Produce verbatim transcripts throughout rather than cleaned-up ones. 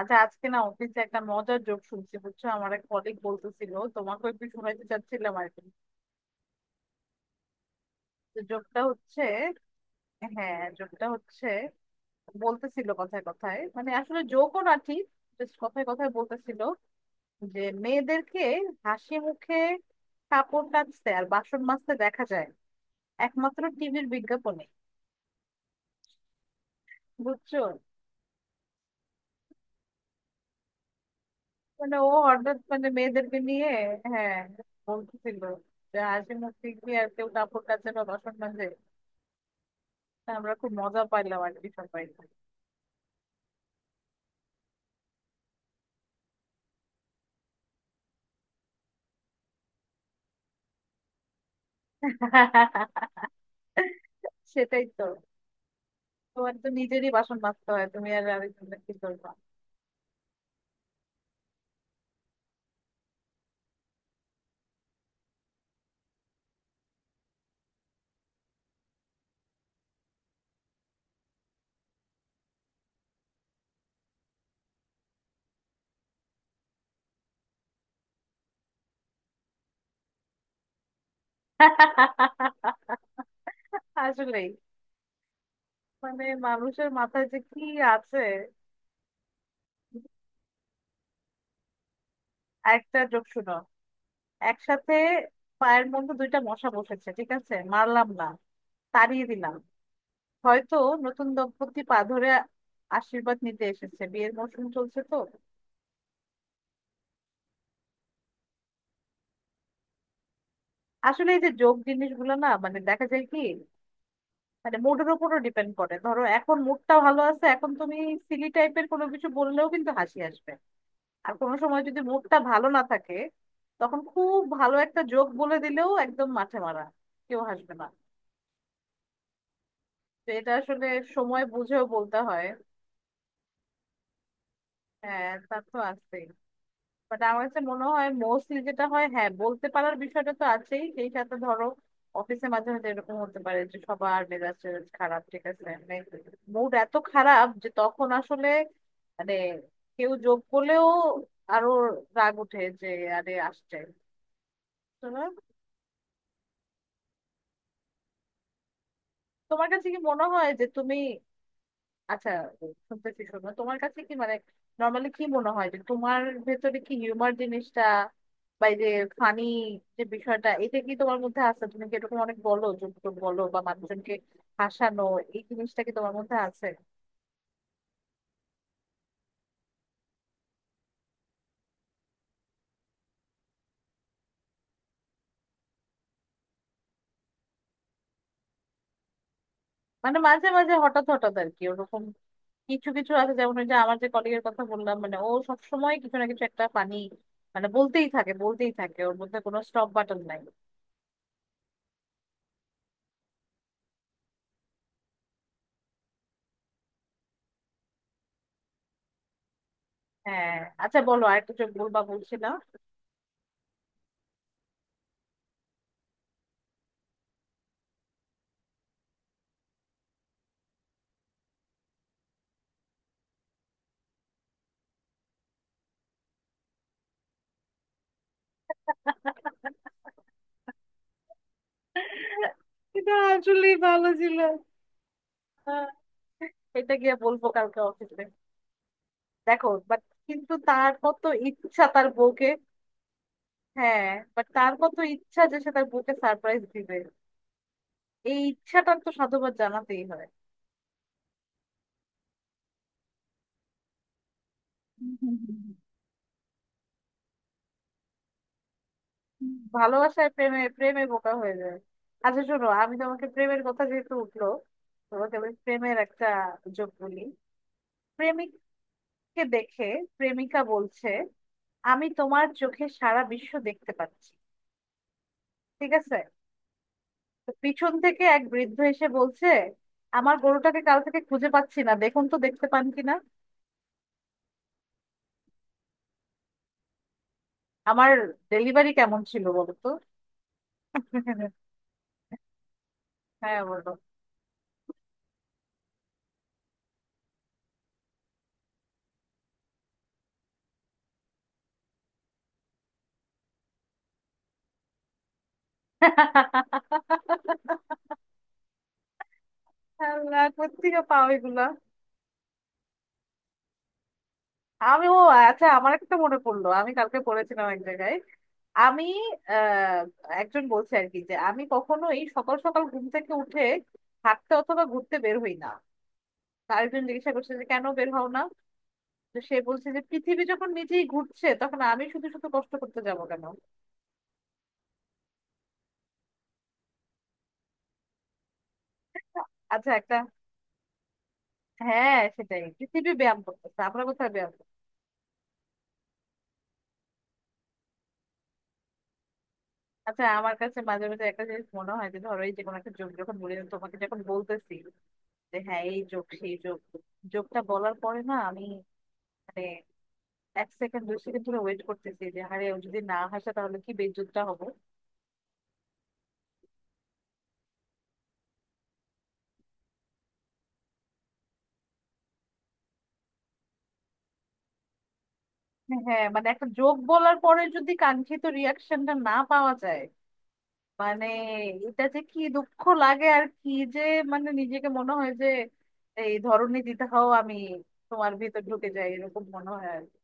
আচ্ছা আজকে না অফিসে একটা মজার জোক শুনছি, বুঝছো। আমার এক কলিগ বলতেছিল, তোমাকে একটু শোনাইতে চাচ্ছিলাম আর কি। তো জোকটা হচ্ছে, হ্যাঁ জোকটা হচ্ছে, বলতেছিল কথায় কথায়, মানে আসলে জোকও না ঠিক, জাস্ট কথায় কথায় বলতেছিল যে মেয়েদেরকে হাসি মুখে কাপড় কাচতে আর বাসন মাজতে দেখা যায় একমাত্র টিভির বিজ্ঞাপনে, বুঝছো। মানে ও হঠাৎ মানে মেয়েদেরকে নিয়ে, হ্যাঁ বলতেছিল যে হাসি মুখে কি আর কেউ কাপড় কাচে বা বাসন মাজে। আমরা খুব মজা পাইলাম আর কি সবাই। সেটাই তো, তোমার তো নিজেরই বাসন মাজতে হয়, তুমি আর আরেকজনের কি করবা। আসলেই, মানে মানুষের মাথায় যে কি আছে। একটা জোক শুনো একসাথে। পায়ের মধ্যে দুইটা মশা বসেছে, ঠিক আছে, মারলাম না, তাড়িয়ে দিলাম, হয়তো নতুন দম্পতি পা ধরে আশীর্বাদ নিতে এসেছে, বিয়ের মৌসুম চলছে তো। আসলে এই যে যোগ জিনিসগুলো না, মানে দেখা যায় কি, মানে মুডের উপরও ডিপেন্ড করে। ধরো এখন মুডটা ভালো আছে, এখন তুমি সিলি টাইপের কোনো কিছু বললেও কিন্তু হাসি আসবে। আর কোনো সময় যদি মুডটা ভালো না থাকে, তখন খুব ভালো একটা জোক বলে দিলেও একদম মাঠে মারা, কেউ হাসবে না। তো এটা আসলে সময় বুঝেও বলতে হয়। হ্যাঁ তা তো আছে, বাট আমার কাছে মনে হয় মোস্টলি যেটা হয়, হ্যাঁ বলতে পারার বিষয়টা তো আছেই, সেই সাথে ধরো অফিসে মাঝে মাঝে এরকম হতে পারে যে সবার মেজাজ টেজাজ খারাপ, ঠিক আছে, মানে মুড এত খারাপ যে তখন আসলে মানে কেউ যোগ করলেও আরো রাগ উঠে যে আরে আসছে। তো তোমার কাছে কি মনে হয় যে তুমি, আচ্ছা শুনতেছি শোনো, তোমার কাছে কি মানে নর্মালি কি মনে হয় যে তোমার ভেতরে কি হিউমার জিনিসটা বা এই যে ফানি যে বিষয়টা, এটা কি তোমার মধ্যে আছে? তুমি কি এরকম অনেক বলো, জোকে বলো বা মানুষজনকে হাসানো, এই জিনিসটা কি তোমার মধ্যে আছে? মানে মাঝে মাঝে হঠাৎ হঠাৎ আর কি ওরকম কিছু কিছু আছে, যেমন ওই যে আমার যে কলিগের কথা বললাম, মানে ও সবসময় কিছু না কিছু একটা ফানি মানে বলতেই থাকে বলতেই থাকে, ওর মধ্যে কোনো স্টপ বাটন নাই। হ্যাঁ, আচ্ছা বলো আরেকটা চোখ বলবা বলছিলাম। এটা আসলেই ভালো ছিল। হ্যাঁ, এটা গিয়ে বলবো কালকে অফিসে। দেখো বাট, কিন্তু তার কত ইচ্ছা তার বউকে, হ্যাঁ বাট তার কত ইচ্ছা যে সে তার বউকে সারপ্রাইজ দিবে, এই ইচ্ছাটার তো সাধুবাদ জানাতেই হয়। হুম, হুম, হুম, হুম। ভালোবাসায় প্রেমে প্রেমে বোকা হয়ে যায়। আচ্ছা শোনো, আমি তোমাকে প্রেমের কথা যেহেতু উঠলো, তোমাকে আমি প্রেমের একটা যোগ বলি। প্রেমিককে দেখে প্রেমিকা বলছে আমি তোমার চোখে সারা বিশ্ব দেখতে পাচ্ছি, ঠিক আছে। তো পিছন থেকে এক বৃদ্ধ এসে বলছে আমার গরুটাকে কাল থেকে খুঁজে পাচ্ছি না, দেখুন তো দেখতে পান কিনা। আমার ডেলিভারি কেমন ছিল বলো তো। হ্যাঁ বলো। আল্লাহ কোত্থেকে পাও এগুলা। আমি ও, আচ্ছা আমার একটা মনে পড়লো, আমি কালকে পড়েছিলাম এক জায়গায়। আমি আহ একজন বলছে আর কি যে আমি কখনোই সকাল সকাল ঘুম থেকে উঠে হাঁটতে অথবা ঘুরতে বের হই না। তার একজন জিজ্ঞাসা করছে যে কেন বের হও না। তো সে বলছে যে পৃথিবী যখন নিজেই ঘুরছে তখন আমি শুধু শুধু কষ্ট করতে যাব কেন। আচ্ছা একটা, হ্যাঁ সেটাই, পৃথিবী ব্যায়াম করতেছে, আমরা কোথায় ব্যায়াম করছি? আচ্ছা আমার কাছে মাঝে মাঝে একটা জিনিস মনে হয় যে ধরো এই যে কোনো একটা যোগ যখন বলি তোমাকে, যখন বলতেছি যে হ্যাঁ এই যোগ সেই যোগ, যোগটা বলার পরে না আমি মানে এক সেকেন্ড দুই সেকেন্ড ধরে ওয়েট করতেছি যে আরে ও যদি না হাসে তাহলে কি বেইজ্জতটা হবো। হ্যাঁ মানে একটা যোগ বলার পরে যদি কাঙ্ক্ষিত রিয়াকশনটা না পাওয়া যায়, মানে এটা যে কি দুঃখ লাগে আর কি, যে মানে নিজেকে মনে হয় যে এই ধরনী দিদাও, আমি তোমার ভিতর ঢুকে যাই এরকম মনে হয় আর কি।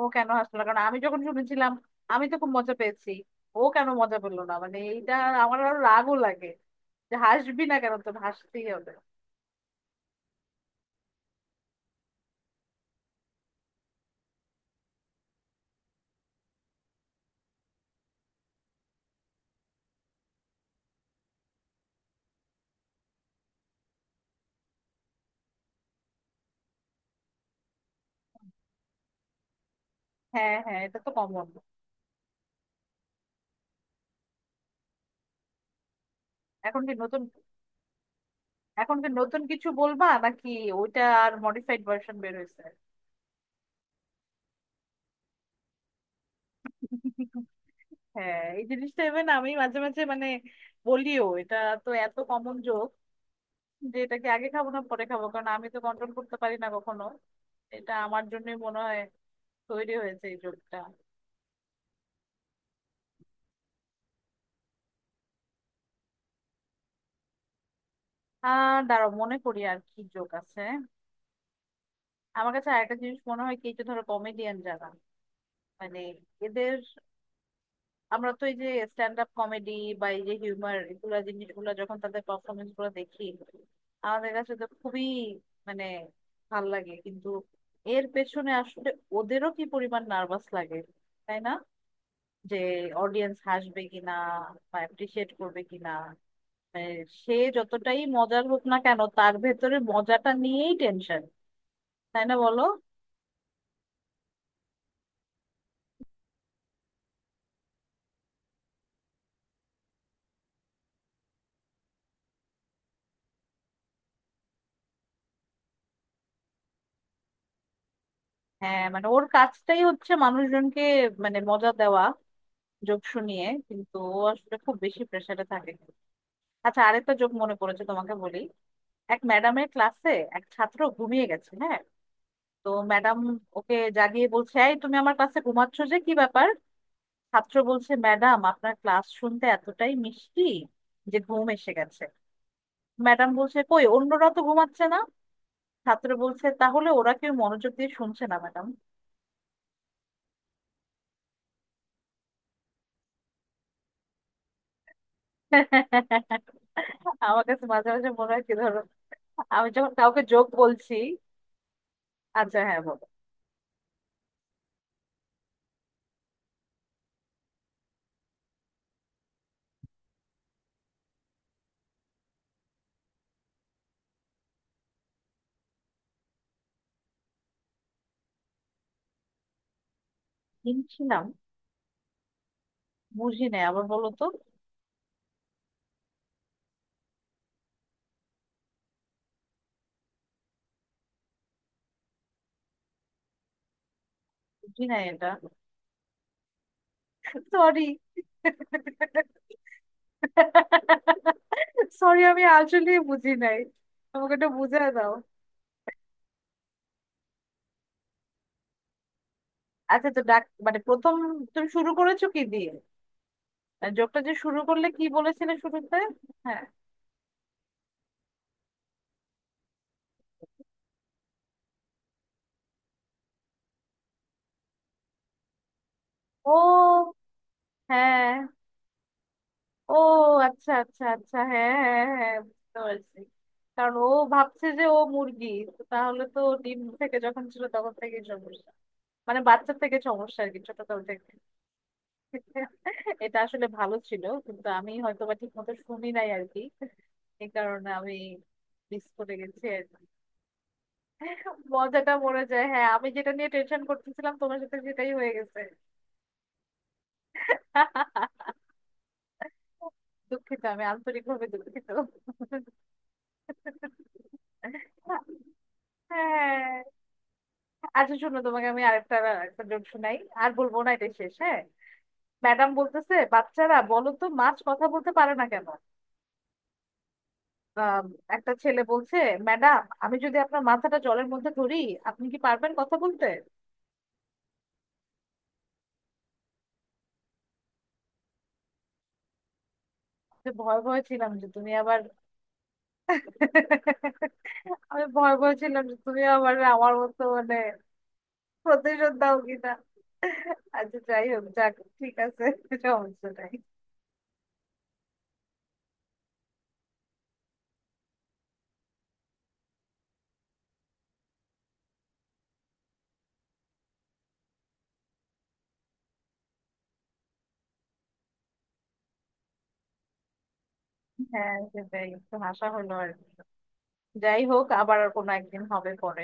ও কেন হাসলো না? কারণ আমি যখন শুনেছিলাম আমি তো খুব মজা পেয়েছি, ও কেন মজা পেলো না মানে এইটা, আমার আরো রাগও লাগে যে হাসবি না কেন, তোর হাসতেই হবে। হ্যাঁ হ্যাঁ এটা তো কমন। এখন কি নতুন, এখন কি নতুন কিছু বলবা নাকি ওইটা আর মডিফাইড ভার্সন বের হয়েছে। হ্যাঁ এই জিনিসটা ইভেন আমি মাঝে মাঝে মানে বলিও এটা, তো এত কমন জোক যে এটাকে আগে খাবো না পরে খাবো, কারণ আমি তো কন্ট্রোল করতে পারি না কখনো, এটা আমার জন্যই মনে হয় তৈরি হয়েছে এই জোকটা। আর দাঁড়াও মনে করি আর কি জোক আছে। আমার কাছে আরেকটা জিনিস মনে হয় কি, এই যে ধরো কমেডিয়ান যারা, মানে এদের, আমরা তো এই যে স্ট্যান্ড আপ কমেডি বা এই যে হিউমার এগুলা জিনিসগুলো যখন তাদের পারফরমেন্স গুলো দেখি, আমাদের কাছে তো খুবই মানে ভাল লাগে, কিন্তু এর পেছনে আসলে ওদেরও কি পরিমাণ নার্ভাস লাগে, তাই না, যে অডিয়েন্স হাসবে কিনা বা অ্যাপ্রিসিয়েট করবে কিনা, মানে সে যতটাই মজার হোক না কেন তার ভেতরে মজাটা নিয়েই টেনশন, তাই না বলো। হ্যাঁ মানে ওর কাজটাই হচ্ছে মানুষজনকে মানে মজা দেওয়া, যোগসু নিয়ে, কিন্তু ও আসলে খুব বেশি প্রেসারে থাকে। আচ্ছা আরেকটা যোগ মনে পড়েছে তোমাকে বলি। এক ম্যাডামের ক্লাসে এক ছাত্র ঘুমিয়ে গেছে, হ্যাঁ। তো ম্যাডাম ওকে জাগিয়ে বলছে এই তুমি আমার ক্লাসে ঘুমাচ্ছ, যে কি ব্যাপার। ছাত্র বলছে ম্যাডাম আপনার ক্লাস শুনতে এতটাই মিষ্টি যে ঘুম এসে গেছে। ম্যাডাম বলছে কই অন্যরা তো ঘুমাচ্ছে না। ছাত্র বলছে তাহলে ওরা কেউ মনোযোগ দিয়ে শুনছে না ম্যাডাম। আমার কাছে মাঝে মাঝে মনে হয় কি ধরো আমি যখন কাউকে যোগ বলছি, আচ্ছা হ্যাঁ বলো। কিনছিলাম, বুঝি নাই আবার বলো তো। বুঝি নাই এটা, সরি। সরি আমি আসলে বুঝি নাই, আমাকে এটা বুঝিয়ে দাও। আচ্ছা তো ডাক মানে প্রথম, তুমি শুরু করেছো কি দিয়ে, মানে জোকটা যে শুরু করলে কি বলেছিলে শুরুতে। হ্যাঁ, ও, হ্যাঁ, ও, আচ্ছা আচ্ছা আচ্ছা হ্যাঁ হ্যাঁ হ্যাঁ হ্যাঁ, বুঝতে পারছি। কারণ ও ভাবছে যে ও মুরগি, তো তাহলে তো ডিম থেকে যখন ছিল তখন থেকেই সমস্যা, মানে বাচ্চা থেকে সমস্যা আর কি, ছোটকাল থেকে। এটা আসলে ভালো ছিল কিন্তু আমি হয়তো বা ঠিক মতো শুনি নাই আর কি, এই কারণে আমি মিস করে গেছি আর কি। মজাটা মরে যায় হ্যাঁ, আমি যেটা নিয়ে টেনশন করতেছিলাম তোমার সাথে সেটাই হয়ে গেছে। দুঃখিত, আমি আন্তরিকভাবে দুঃখিত। হ্যাঁ আচ্ছা শোনো তোমাকে আমি আরেকটা, একটা জোক শোনাই, আর বলবো না এটা শেষ, হ্যাঁ। ম্যাডাম বলতেছে বাচ্চারা বলো তো মাছ কথা বলতে পারে না কেন। আম, একটা ছেলে বলছে ম্যাডাম আমি যদি আপনার মাথাটা জলের মধ্যে ধরি আপনি কি পারবেন কথা বলতে। যে ভয় ভয় ছিলাম যে তুমি আবার, আমি ভয় ভয় ছিলাম যে তুমি আবার আমার মতো মানে প্রতিশোধ দাও কিনা। আচ্ছা যাই হোক যাক, ঠিক আছে, সমস্যা নাই। হ্যাঁ সেটাই, একটু হাসা হলো আর কি। যাই হোক আবার কোনো একদিন হবে পরে।